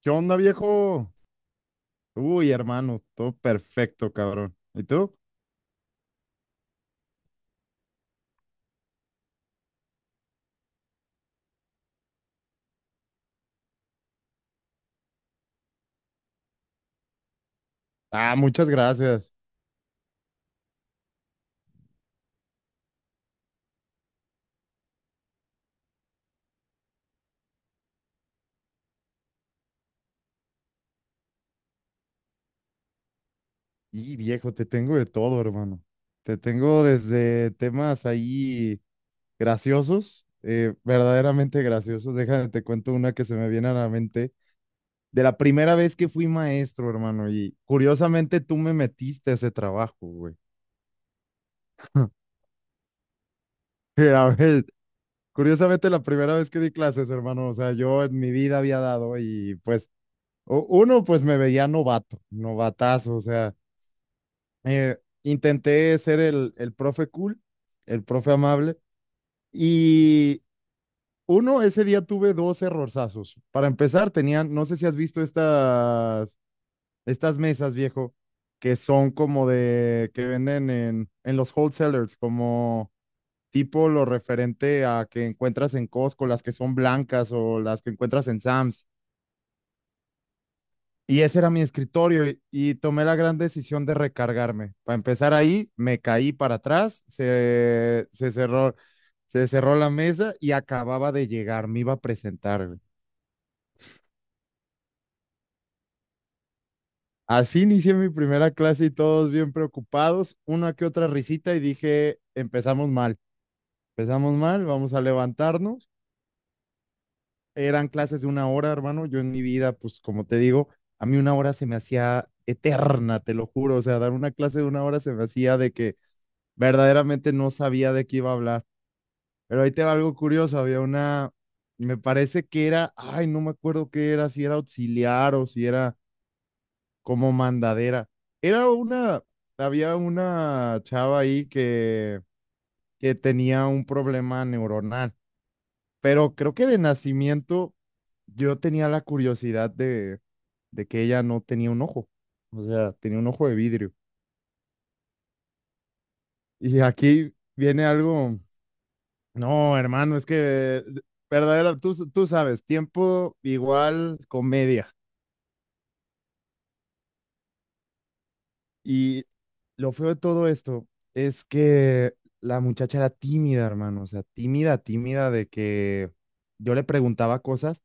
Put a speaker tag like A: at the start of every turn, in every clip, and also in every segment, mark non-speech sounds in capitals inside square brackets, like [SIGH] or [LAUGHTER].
A: ¿Qué onda, viejo? Uy, hermano, todo perfecto, cabrón. ¿Y tú? Ah, muchas gracias. Y viejo, te tengo de todo, hermano. Te tengo desde temas ahí graciosos, verdaderamente graciosos. Déjame, te cuento una que se me viene a la mente. De la primera vez que fui maestro, hermano, y curiosamente tú me metiste a ese trabajo, güey. [LAUGHS] A ver, curiosamente la primera vez que di clases, hermano, o sea, yo en mi vida había dado y pues uno, pues me veía novato, novatazo, o sea, intenté ser el profe cool, el profe amable, y uno, ese día tuve dos errorzazos. Para empezar, tenían, no sé si has visto estas, estas mesas, viejo, que son como de, que venden en los wholesalers, como tipo lo referente a que encuentras en Costco, las que son blancas o las que encuentras en Sam's. Y ese era mi escritorio y tomé la gran decisión de recargarme. Para empezar ahí, me caí para atrás, se, se cerró la mesa y acababa de llegar, me iba a presentar, güey. Así inicié mi primera clase y todos bien preocupados, una que otra risita y dije, empezamos mal, vamos a levantarnos. Eran clases de una hora, hermano. Yo en mi vida, pues como te digo, a mí una hora se me hacía eterna, te lo juro. O sea, dar una clase de una hora se me hacía de que verdaderamente no sabía de qué iba a hablar. Pero ahí te va algo curioso, había una, me parece que era, ay, no me acuerdo qué era, si era auxiliar o si era como mandadera. Era una, había una chava ahí que tenía un problema neuronal, pero creo que de nacimiento yo tenía la curiosidad de que ella no tenía un ojo, o sea, tenía un ojo de vidrio. Y aquí viene algo. No, hermano, es que verdadero, tú sabes, tiempo igual comedia. Y lo feo de todo esto es que la muchacha era tímida, hermano, o sea, tímida, tímida de que yo le preguntaba cosas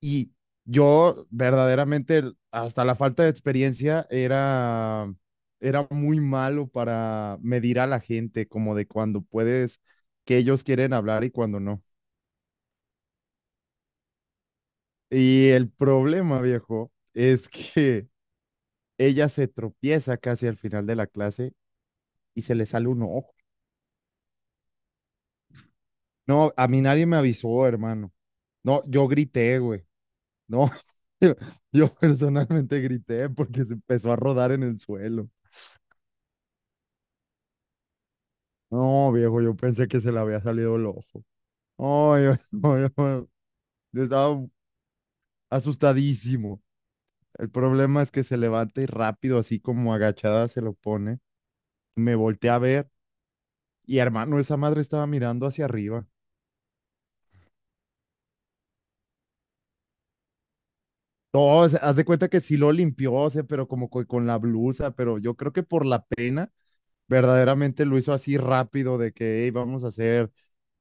A: y yo verdaderamente, hasta la falta de experiencia, era, era muy malo para medir a la gente, como de cuando puedes, que ellos quieren hablar y cuando no. Y el problema, viejo, es que [LAUGHS] ella se tropieza casi al final de la clase y se le sale un ojo. No, a mí nadie me avisó, hermano. No, yo grité, güey. No, [LAUGHS] yo, yo personalmente grité porque se empezó a rodar en el suelo. No, viejo, yo pensé que se le había salido el ojo. No, yo, [LAUGHS] no, yo estaba asustadísimo. El problema es que se levanta y rápido, así como agachada, se lo pone. Me volteé a ver. Y hermano, esa madre estaba mirando hacia arriba. Todo, haz de cuenta que sí lo limpió, o sea, pero como con la blusa, pero yo creo que por la pena, verdaderamente lo hizo así rápido de que, "Ey, vamos a hacer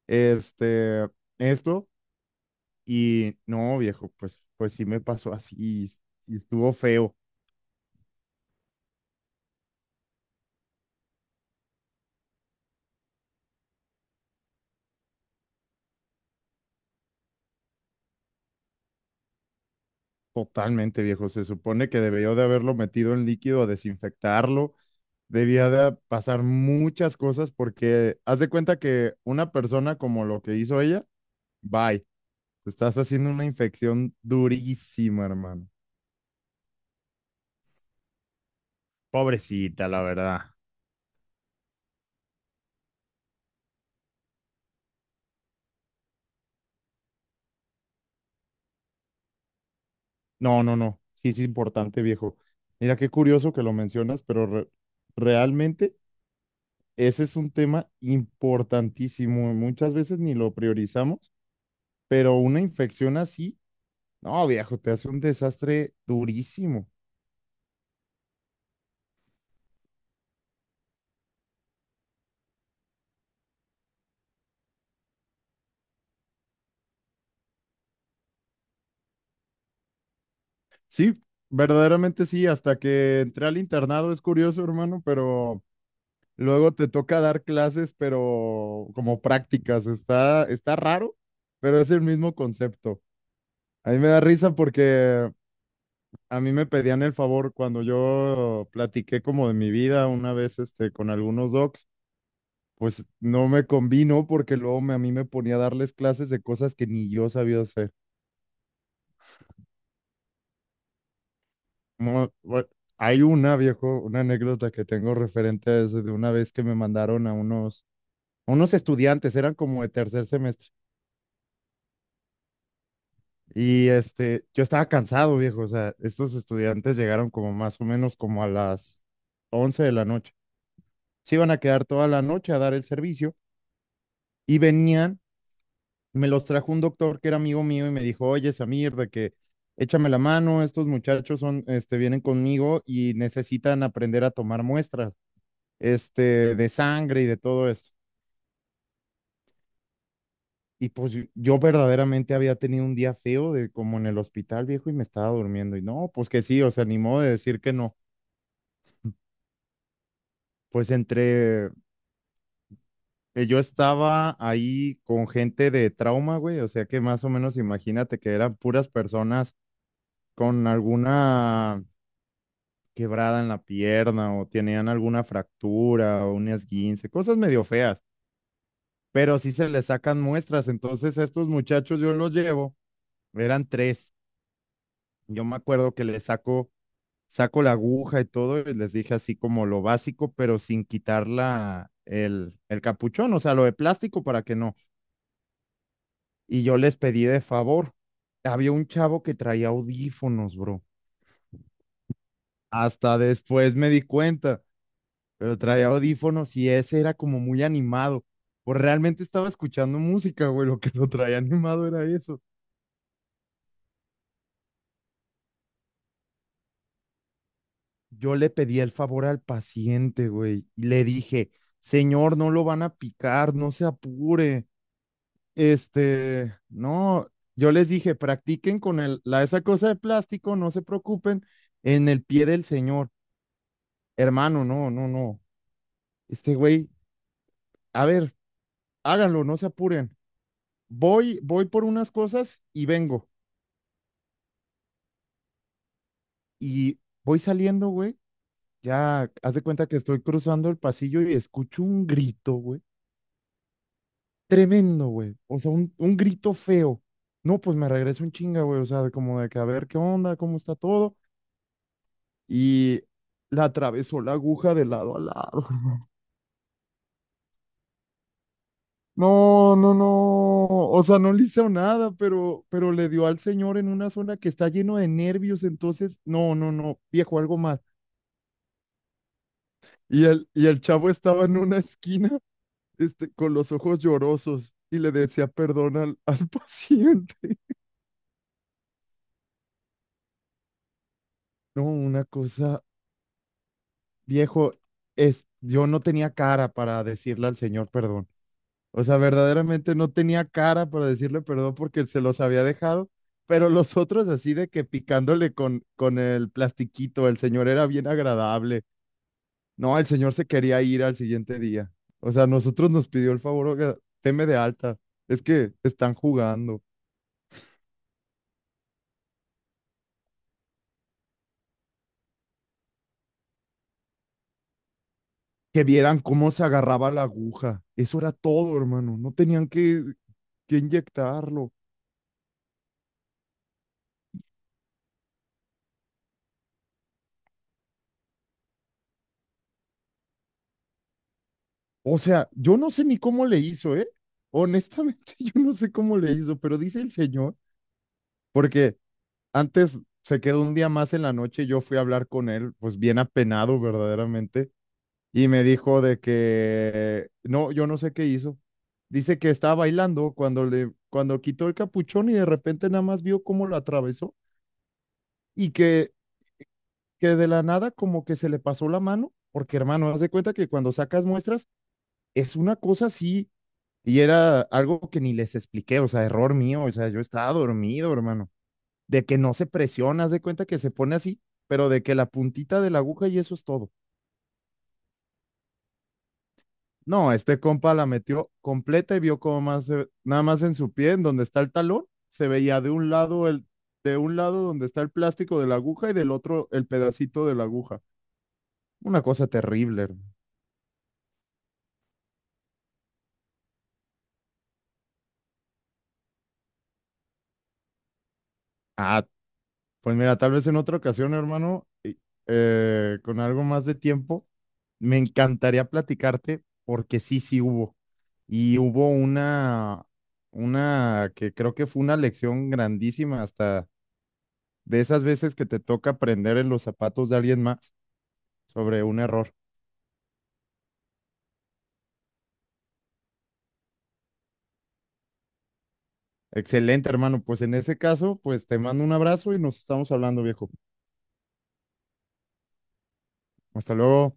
A: este, esto." Y no, viejo, pues, pues sí me pasó así y y estuvo feo, totalmente, viejo. Se supone que debió de haberlo metido en líquido a desinfectarlo. Debía de pasar muchas cosas porque haz de cuenta que una persona como lo que hizo ella, bye. Te estás haciendo una infección durísima, hermano. Pobrecita, la verdad. No, no, no. Sí, es importante, viejo. Mira, qué curioso que lo mencionas, pero realmente ese es un tema importantísimo. Muchas veces ni lo priorizamos, pero una infección así, no, viejo, te hace un desastre durísimo. Sí, verdaderamente sí. Hasta que entré al internado es curioso, hermano, pero luego te toca dar clases, pero como prácticas. Está, está raro, pero es el mismo concepto. A mí me da risa porque a mí me pedían el favor cuando yo platiqué como de mi vida una vez este, con algunos docs, pues no me convino porque luego a mí me ponía a darles clases de cosas que ni yo sabía hacer. Mo- bu- Hay una, viejo, una anécdota que tengo referente a eso de una vez que me mandaron a unos estudiantes, eran como de tercer semestre. Y este, yo estaba cansado, viejo. O sea, estos estudiantes llegaron como más o menos como a las 11 de la noche. Se iban a quedar toda la noche a dar el servicio y venían, me los trajo un doctor que era amigo mío y me dijo, oye, Samir, de que échame la mano, estos muchachos son, este, vienen conmigo y necesitan aprender a tomar muestras, este, de sangre y de todo esto. Y pues yo verdaderamente había tenido un día feo de como en el hospital, viejo, y me estaba durmiendo. Y no, pues que sí, o sea, ni modo de decir que no. Pues entre, yo estaba ahí con gente de trauma, güey, o sea que más o menos imagínate que eran puras personas con alguna quebrada en la pierna o tenían alguna fractura o un esguince, cosas medio feas, pero sí se les sacan muestras, entonces estos muchachos yo los llevo, eran tres, yo me acuerdo que les saco, saco la aguja y todo y les dije así como lo básico, pero sin quitar la, el capuchón, o sea, lo de plástico para que no y yo les pedí de favor. Había un chavo que traía audífonos, bro. Hasta después me di cuenta, pero traía audífonos y ese era como muy animado. Pues realmente estaba escuchando música, güey. Lo que lo traía animado era eso. Yo le pedí el favor al paciente, güey, y le dije, señor, no lo van a picar, no se apure. Este, no, yo les dije, practiquen con el, la, esa cosa de plástico, no se preocupen, en el pie del señor. Hermano, no, no, no. Este güey, a ver, háganlo, no se apuren. Voy, voy por unas cosas y vengo. Y voy saliendo, güey. Ya, haz de cuenta que estoy cruzando el pasillo y escucho un grito, güey. Tremendo, güey. O sea, un grito feo. No, pues me regreso un chinga, güey. O sea, de como de que a ver qué onda, cómo está todo. Y la atravesó la aguja de lado a lado. No, no, no. O sea, no le hizo nada, pero le dio al señor en una zona que está lleno de nervios. Entonces, no, no, no, viejo, algo mal. Y el chavo estaba en una esquina, este, con los ojos llorosos y le decía perdón al, al [LAUGHS] paciente. No, una cosa, viejo, es, yo no tenía cara para decirle al señor perdón. O sea, verdaderamente no tenía cara para decirle perdón porque se los había dejado, pero los otros así de que picándole con el plastiquito, el señor era bien agradable. No, el señor se quería ir al siguiente día. O sea, nosotros nos pidió el favor, oiga, teme de alta, es que están jugando. Que vieran cómo se agarraba la aguja. Eso era todo, hermano. No tenían que inyectarlo. O sea, yo no sé ni cómo le hizo, ¿eh? Honestamente, [LAUGHS] yo no sé cómo le hizo, pero dice el señor, porque antes se quedó un día más en la noche, yo fui a hablar con él, pues bien apenado verdaderamente, y me dijo de que no, yo no sé qué hizo. Dice que estaba bailando cuando le cuando quitó el capuchón y de repente nada más vio cómo lo atravesó y que de la nada como que se le pasó la mano, porque hermano, haz de cuenta que cuando sacas muestras es una cosa así y era algo que ni les expliqué, o sea, error mío, o sea, yo estaba dormido, hermano, de que no se presiona, haz de cuenta que se pone así, pero de que la puntita de la aguja y eso es todo. No, este compa la metió completa y vio como más, nada más en su pie, en donde está el talón, se veía de un lado donde está el plástico de la aguja y del otro el pedacito de la aguja. Una cosa terrible, hermano. Ah, pues mira, tal vez en otra ocasión, hermano, con algo más de tiempo, me encantaría platicarte porque sí, sí hubo. Y hubo una que creo que fue una lección grandísima, hasta de esas veces que te toca aprender en los zapatos de alguien más sobre un error. Excelente, hermano. Pues en ese caso, pues te mando un abrazo y nos estamos hablando, viejo. Hasta luego.